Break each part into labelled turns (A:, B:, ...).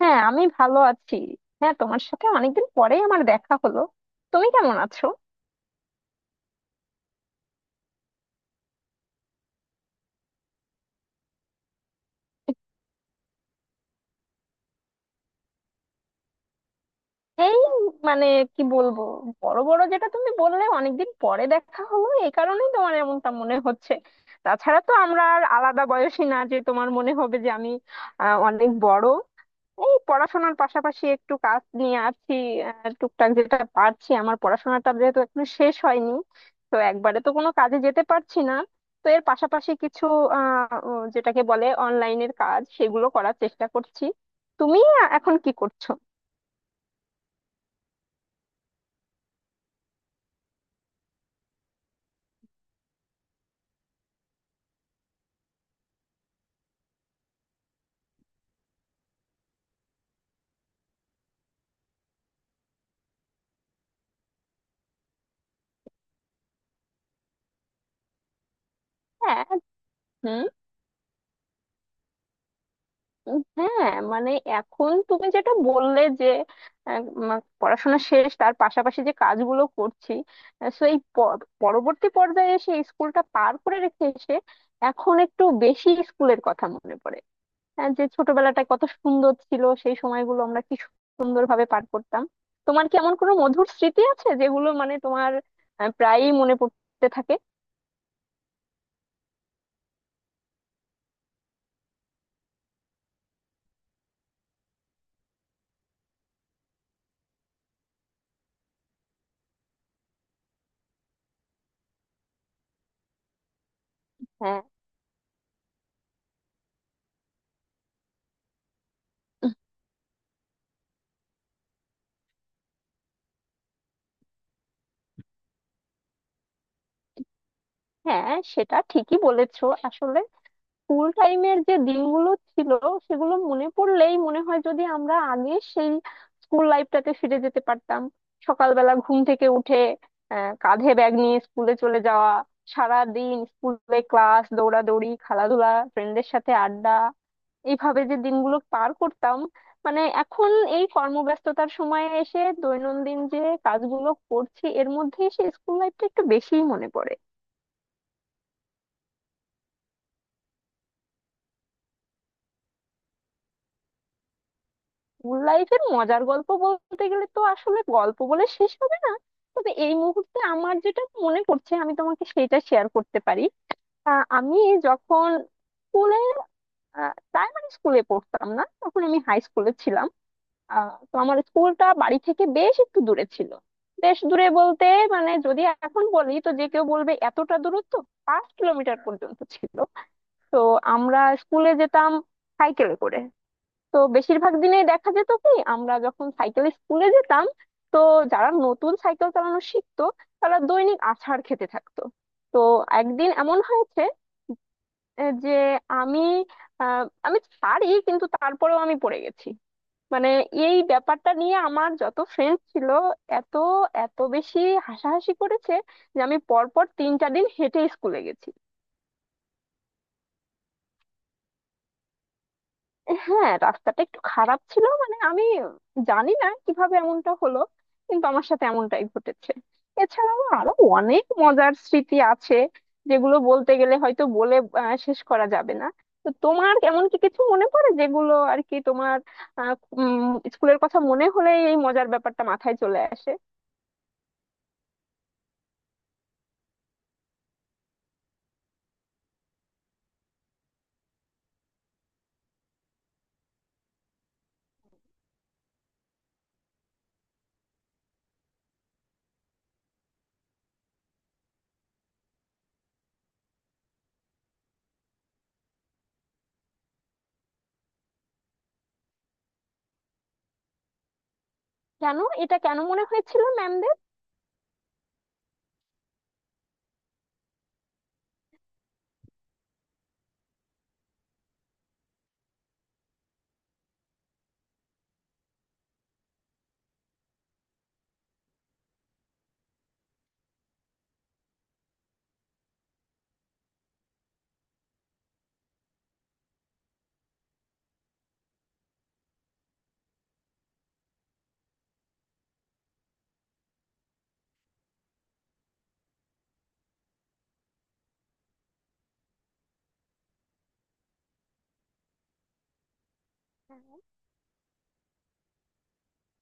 A: হ্যাঁ, আমি ভালো আছি। হ্যাঁ, তোমার সাথে অনেকদিন পরেই আমার দেখা হলো। তুমি কেমন আছো? এই, মানে, কি বলবো? বড় বড় যেটা তুমি বললে, অনেকদিন পরে দেখা হলো এই কারণেই তোমার এমনটা মনে হচ্ছে। তাছাড়া তো আমরা আর আলাদা বয়সী না যে তোমার মনে হবে যে আমি অনেক বড়। এই পড়াশোনার পাশাপাশি একটু কাজ নিয়ে আছি। টুকটাক যেটা পারছি, আমার পড়াশোনাটা যেহেতু এখনো শেষ হয়নি, তো একবারে তো কোনো কাজে যেতে পারছি না, তো এর পাশাপাশি কিছু যেটাকে বলে অনলাইনের কাজ সেগুলো করার চেষ্টা করছি। তুমি এখন কি করছো? হ্যাঁ। হ্যাঁ, মানে, এখন তুমি যেটা বললে যে আহ, উম, পড়াশোনা শেষ তার পাশাপাশি যে কাজগুলো করছি, সো এই পরবর্তী পর্যায়ে এসে স্কুলটা পার করে রেখে এসে এখন একটু বেশি স্কুলের কথা মনে পড়ে। যে ছোটবেলাটা কত সুন্দর ছিল, সেই সময়গুলো আমরা কি সুন্দরভাবে পার করতাম। তোমার কি এমন কোনো মধুর স্মৃতি আছে যেগুলো মানে তোমার প্রায়ই মনে পড়তে থাকে? হ্যাঁ। হ্যাঁ, সেটা ঠিকই বলেছো। আসলে স্কুল টাইমের যে দিনগুলো ছিল, সেগুলো মনে পড়লেই মনে হয় যদি আমরা আগে সেই স্কুল লাইফটাতে ফিরে যেতে পারতাম। সকালবেলা ঘুম থেকে উঠে কাঁধে ব্যাগ নিয়ে স্কুলে চলে যাওয়া, সারা দিন স্কুলে ক্লাস, দৌড়াদৌড়ি, খেলাধুলা, ফ্রেন্ডদের সাথে আড্ডা, এইভাবে যে দিনগুলো পার করতাম, মানে এখন এই কর্মব্যস্ততার সময়ে এসে দৈনন্দিন যে কাজগুলো করছি এর মধ্যে সেই স্কুল লাইফটা একটু বেশিই মনে পড়ে। স্কুল লাইফের মজার গল্প বলতে গেলে তো আসলে গল্প বলে শেষ হবে না, তবে এই মুহূর্তে আমার যেটা মনে পড়ছে আমি তোমাকে সেটা শেয়ার করতে পারি। আমি যখন স্কুলে প্রাইমারি স্কুলে পড়তাম না, তখন আমি হাই স্কুলে ছিলাম। তো আমার স্কুলটা বাড়ি থেকে বেশ একটু দূরে ছিল। বেশ দূরে বলতে, মানে যদি এখন বলি তো যে কেউ বলবে এতটা দূরত্ব 5 কিলোমিটার পর্যন্ত ছিল। তো আমরা স্কুলে যেতাম সাইকেলে করে। তো বেশিরভাগ দিনে দেখা যেত কি, আমরা যখন সাইকেল স্কুলে যেতাম, তো যারা নতুন সাইকেল চালানো শিখতো তারা দৈনিক আছাড় খেতে থাকতো। তো একদিন এমন হয়েছে, যে আমি আমি পারি কিন্তু তারপরেও আমি পড়ে গেছি। মানে এই ব্যাপারটা নিয়ে আমার যত ফ্রেন্ড ছিল, এত এত বেশি হাসাহাসি করেছে যে আমি পরপর 3-4 দিন হেঁটে স্কুলে গেছি। হ্যাঁ, রাস্তাটা একটু খারাপ ছিল, মানে আমি জানি না কিভাবে এমনটা হলো, কিন্তু আমার সাথে এমনটাই ঘটেছে। এছাড়াও আরো অনেক মজার স্মৃতি আছে যেগুলো বলতে গেলে হয়তো বলে শেষ করা যাবে না। তো তোমার এমন কি কিছু মনে পড়ে যেগুলো আর কি তোমার আহ, উম, স্কুলের কথা মনে হলে এই মজার ব্যাপারটা মাথায় চলে আসে? কেন এটা কেন মনে হয়েছিল ম্যামদের?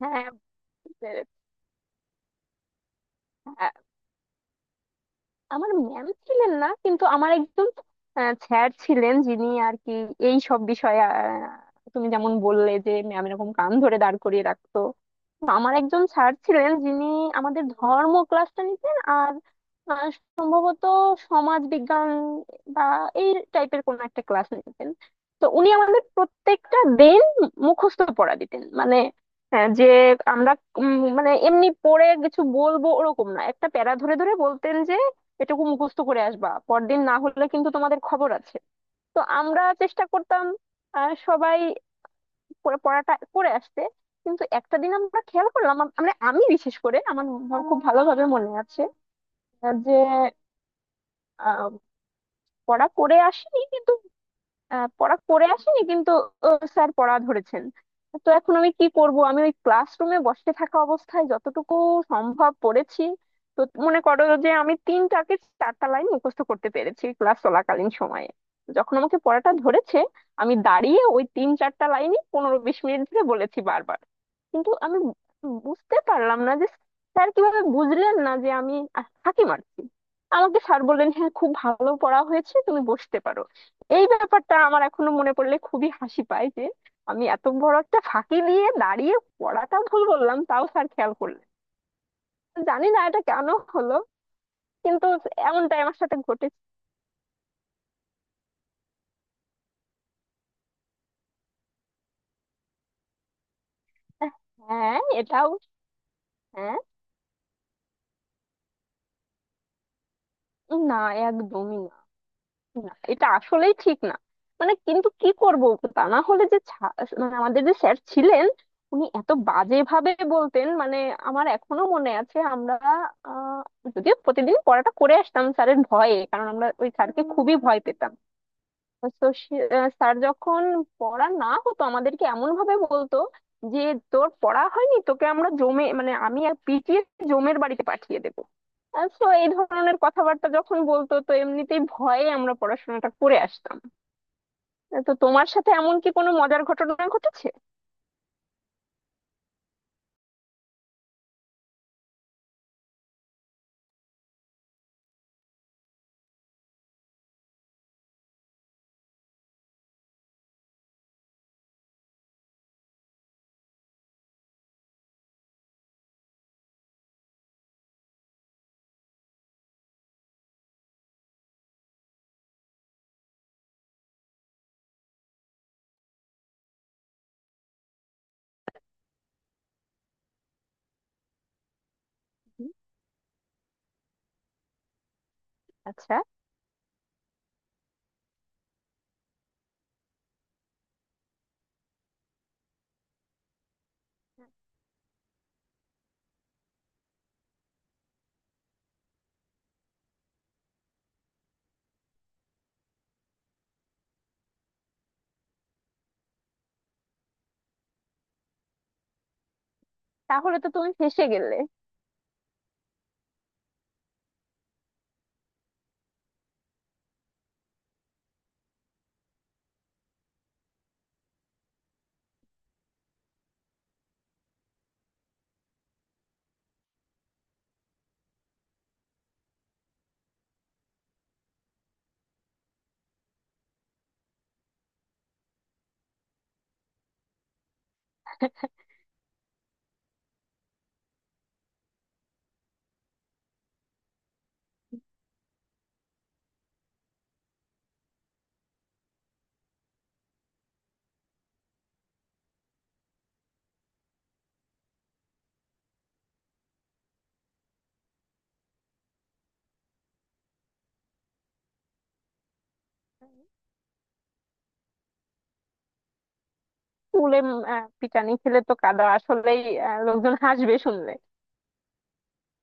A: হ্যাঁ, বুঝতে পেরেছি। আমার ম্যাম ছিলেন না কিন্তু আমার একজন স্যার ছিলেন যিনি আর কি এই সব বিষয়ে, তুমি যেমন বললে যে ম্যাম এরকম কান ধরে দাঁড় করিয়ে রাখতো, তো আমার একজন স্যার ছিলেন যিনি আমাদের ধর্ম ক্লাসটা নিতেন আর আহ, সম্ভবত সমাজ বিজ্ঞান বা এই টাইপের কোন একটা ক্লাস নিতেন। তো উনি আমাদের প্রত্যেকটা দিন মুখস্থ পড়া দিতেন, মানে হ্যাঁ, যে আমরা মানে এমনি পড়ে কিছু বলবো ওরকম না, একটা প্যারা ধরে ধরে বলতেন এটুকু মুখস্থ করে আসবা পরদিন, না হলে কিন্তু তোমাদের খবর আছে। তো আমরা চেষ্টা করতাম সবাই পড়াটা করে আসতে, কিন্তু একটা দিন আমরা খেয়াল করলাম মানে আমি বিশেষ করে আমার আমার খুব ভালোভাবে মনে আছে যে আহ, পড়া করে আসিনি কিন্তু, আহ, পড়া করে আসিনি কিন্তু স্যার পড়া ধরেছেন। তো এখন আমি কি করব, আমি ওই ক্লাসরুমে বসে থাকা অবস্থায় যতটুকু সম্ভব পড়েছি। তো মনে করো যে আমি তিনটাকে চারটা লাইন মুখস্থ করতে পেরেছি ক্লাস চলাকালীন সময়ে। যখন আমাকে পড়াটা ধরেছে আমি দাঁড়িয়ে ওই 3-4 লাইনই 15-20 মিনিট ধরে বলেছি বারবার, কিন্তু আমি বুঝতে পারলাম না যে স্যার কিভাবে বুঝলেন না যে আমি ফাঁকি মারছি। আমাকে স্যার বললেন, হ্যাঁ, খুব ভালো পড়া হয়েছে, তুমি বসতে পারো। এই ব্যাপারটা আমার এখনো মনে পড়লে খুবই হাসি পায় যে আমি এত বড় একটা ফাঁকি দিয়ে দাঁড়িয়ে পড়াটা ভুল বললাম, তাও স্যার খেয়াল করলেন। জানি না এটা কেন হলো, কিন্তু এমনটাই আমার সাথে ঘটেছে। হ্যাঁ, এটাও হ্যাঁ। না, একদমই না, এটা আসলেই ঠিক না। মানে কিন্তু কি করব, তা না হলে যে মানে আমাদের যে স্যার ছিলেন, উনি এত বাজে ভাবে বলতেন, মানে আমার এখনো মনে আছে আমরা আহ, যদিও প্রতিদিন পড়াটা করে আসতাম স্যারের ভয়ে, কারণ আমরা ওই স্যারকে খুবই ভয় পেতাম। তো স্যার যখন পড়া না হতো আমাদেরকে এমন ভাবে বলতো যে, তোর পড়া হয়নি তোকে আমরা জমে, মানে আমি আর পিটিয়ে জমের বাড়িতে পাঠিয়ে দেবো। তো এই ধরনের কথাবার্তা যখন বলতো তো এমনিতেই ভয়ে আমরা পড়াশোনাটা করে আসতাম। তো তোমার সাথে এমন কি কোনো মজার ঘটনা ঘটেছে? হুম। আচ্ছা। তাহলে তো তুমি ফেঁসে গেলে। স্কুলে পিটানি খেলে তো কাদা আসলেই লোকজন হাসবে শুনলে।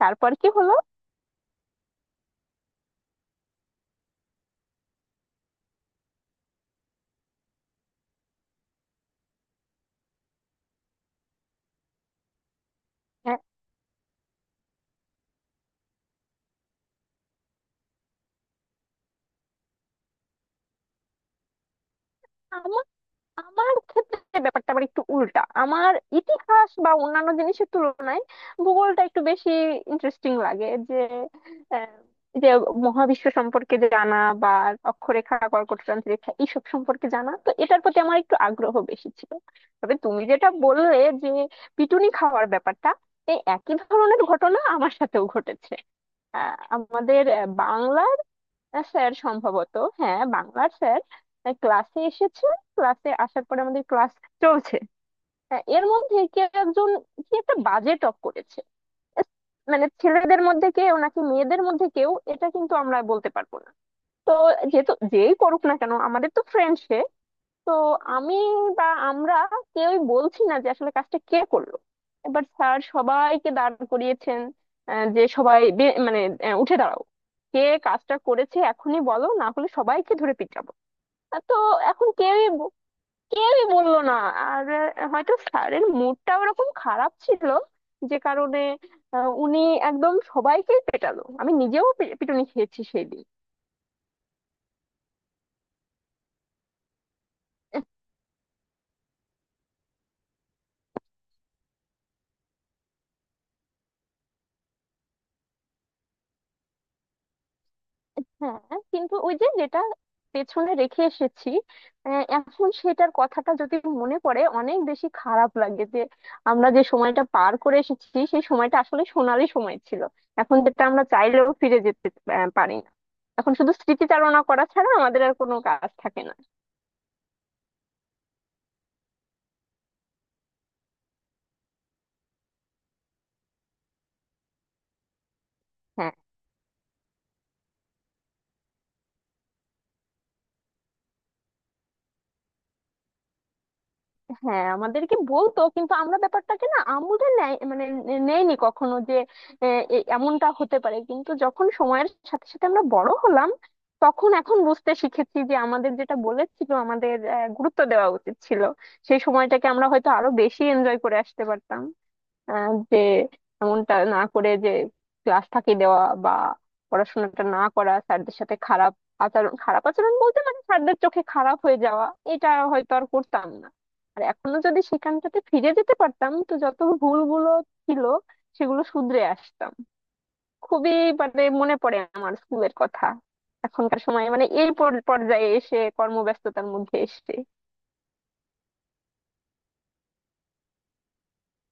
A: তারপর কি হলো? হ্যাঁ, আমার ক্ষেত্রে ব্যাপারটা আবার একটু উল্টা। আমার ইতিহাস বা অন্যান্য জিনিসের তুলনায় ভূগোলটা একটু বেশি ইন্টারেস্টিং লাগে, যে আহ, যে মহাবিশ্ব সম্পর্কে জানা বা অক্ষরেখা, কর্কটক্রান্তি রেখা এইসব সম্পর্কে জানা, তো এটার প্রতি আমার একটু আগ্রহ বেশি ছিল। তবে তুমি যেটা বললে যে পিটুনি খাওয়ার ব্যাপারটা, এই একই ধরনের ঘটনা আমার সাথেও ঘটেছে। আমাদের বাংলা স্যার, সম্ভবত হ্যাঁ, বাংলার স্যার ক্লাসে এসেছে। ক্লাসে আসার পরে আমাদের ক্লাস চলছে, হ্যাঁ, এর মধ্যে কি একজন কি একটা বাজে টক করেছে। এস, মানে ছেলেদের মধ্যে কেউ নাকি মেয়েদের মধ্যে কেউ, এটা কিন্তু আমরা বলতে পারবো না। তো যেহেতু যেই করুক না কেন আমাদের তো ফ্রেন্ড সে, তো আমি বা আমরা কেউই বলছি না যে আসলে কাজটা কে করলো। এবার স্যার সবাইকে দাঁড় করিয়েছেন যে সবাই মানে উঠে দাঁড়াও, কে কাজটা করেছে এখনই বলো, না হলে সবাইকে ধরে পিটাবো। তো এখন কেউই বললো না, আর হয়তো স্যারের মুডটা ওরকম খারাপ ছিল, যে কারণে উনি একদম সবাইকেই পেটালো, আমি নিজেও পিটুনি খেয়েছি সেই দিন। হ্যাঁ, কিন্তু ওই যে যেটা পেছনে রেখে এসেছি এখন সেটার কথাটা যদি মনে পড়ে, অনেক বেশি খারাপ লাগে যে আমরা যে সময়টা পার করে এসেছি সেই সময়টা আসলে সোনালি সময় ছিল। এখন যেটা আমরা চাইলেও ফিরে যেতে পারি না। এখন শুধু স্মৃতিচারণা করা ছাড়া আমাদের আর কোনো কাজ থাকে না। হ্যাঁ। হ্যাঁ, আমাদেরকে বলতো কিন্তু আমরা ব্যাপারটাকে না আমলে নেয়, মানে নেয়নি কখনো যে এমনটা হতে পারে। কিন্তু যখন সময়ের সাথে সাথে আমরা বড় হলাম, তখন এখন বুঝতে শিখেছি যে আমাদের যেটা বলেছিল, আমাদের গুরুত্ব দেওয়া উচিত ছিল, সেই সময়টাকে আমরা হয়তো আরো বেশি এনজয় করে আসতে পারতাম, যে এমনটা না করে যে ক্লাস ফাঁকি দেওয়া বা পড়াশোনাটা না করা, স্যারদের সাথে খারাপ আচরণ, খারাপ আচরণ বলতে মানে স্যারদের চোখে খারাপ হয়ে যাওয়া, এটা হয়তো আর করতাম না। আর এখনো যদি সেখানটাতে ফিরে যেতে পারতাম তো যত ভুলগুলো ছিল সেগুলো শুধরে আসতাম। খুবই মানে মনে পড়ে আমার স্কুলের কথা এখনকার সময়ে, মানে এই পর্যায়ে এসে কর্মব্যস্ততার মধ্যে এসে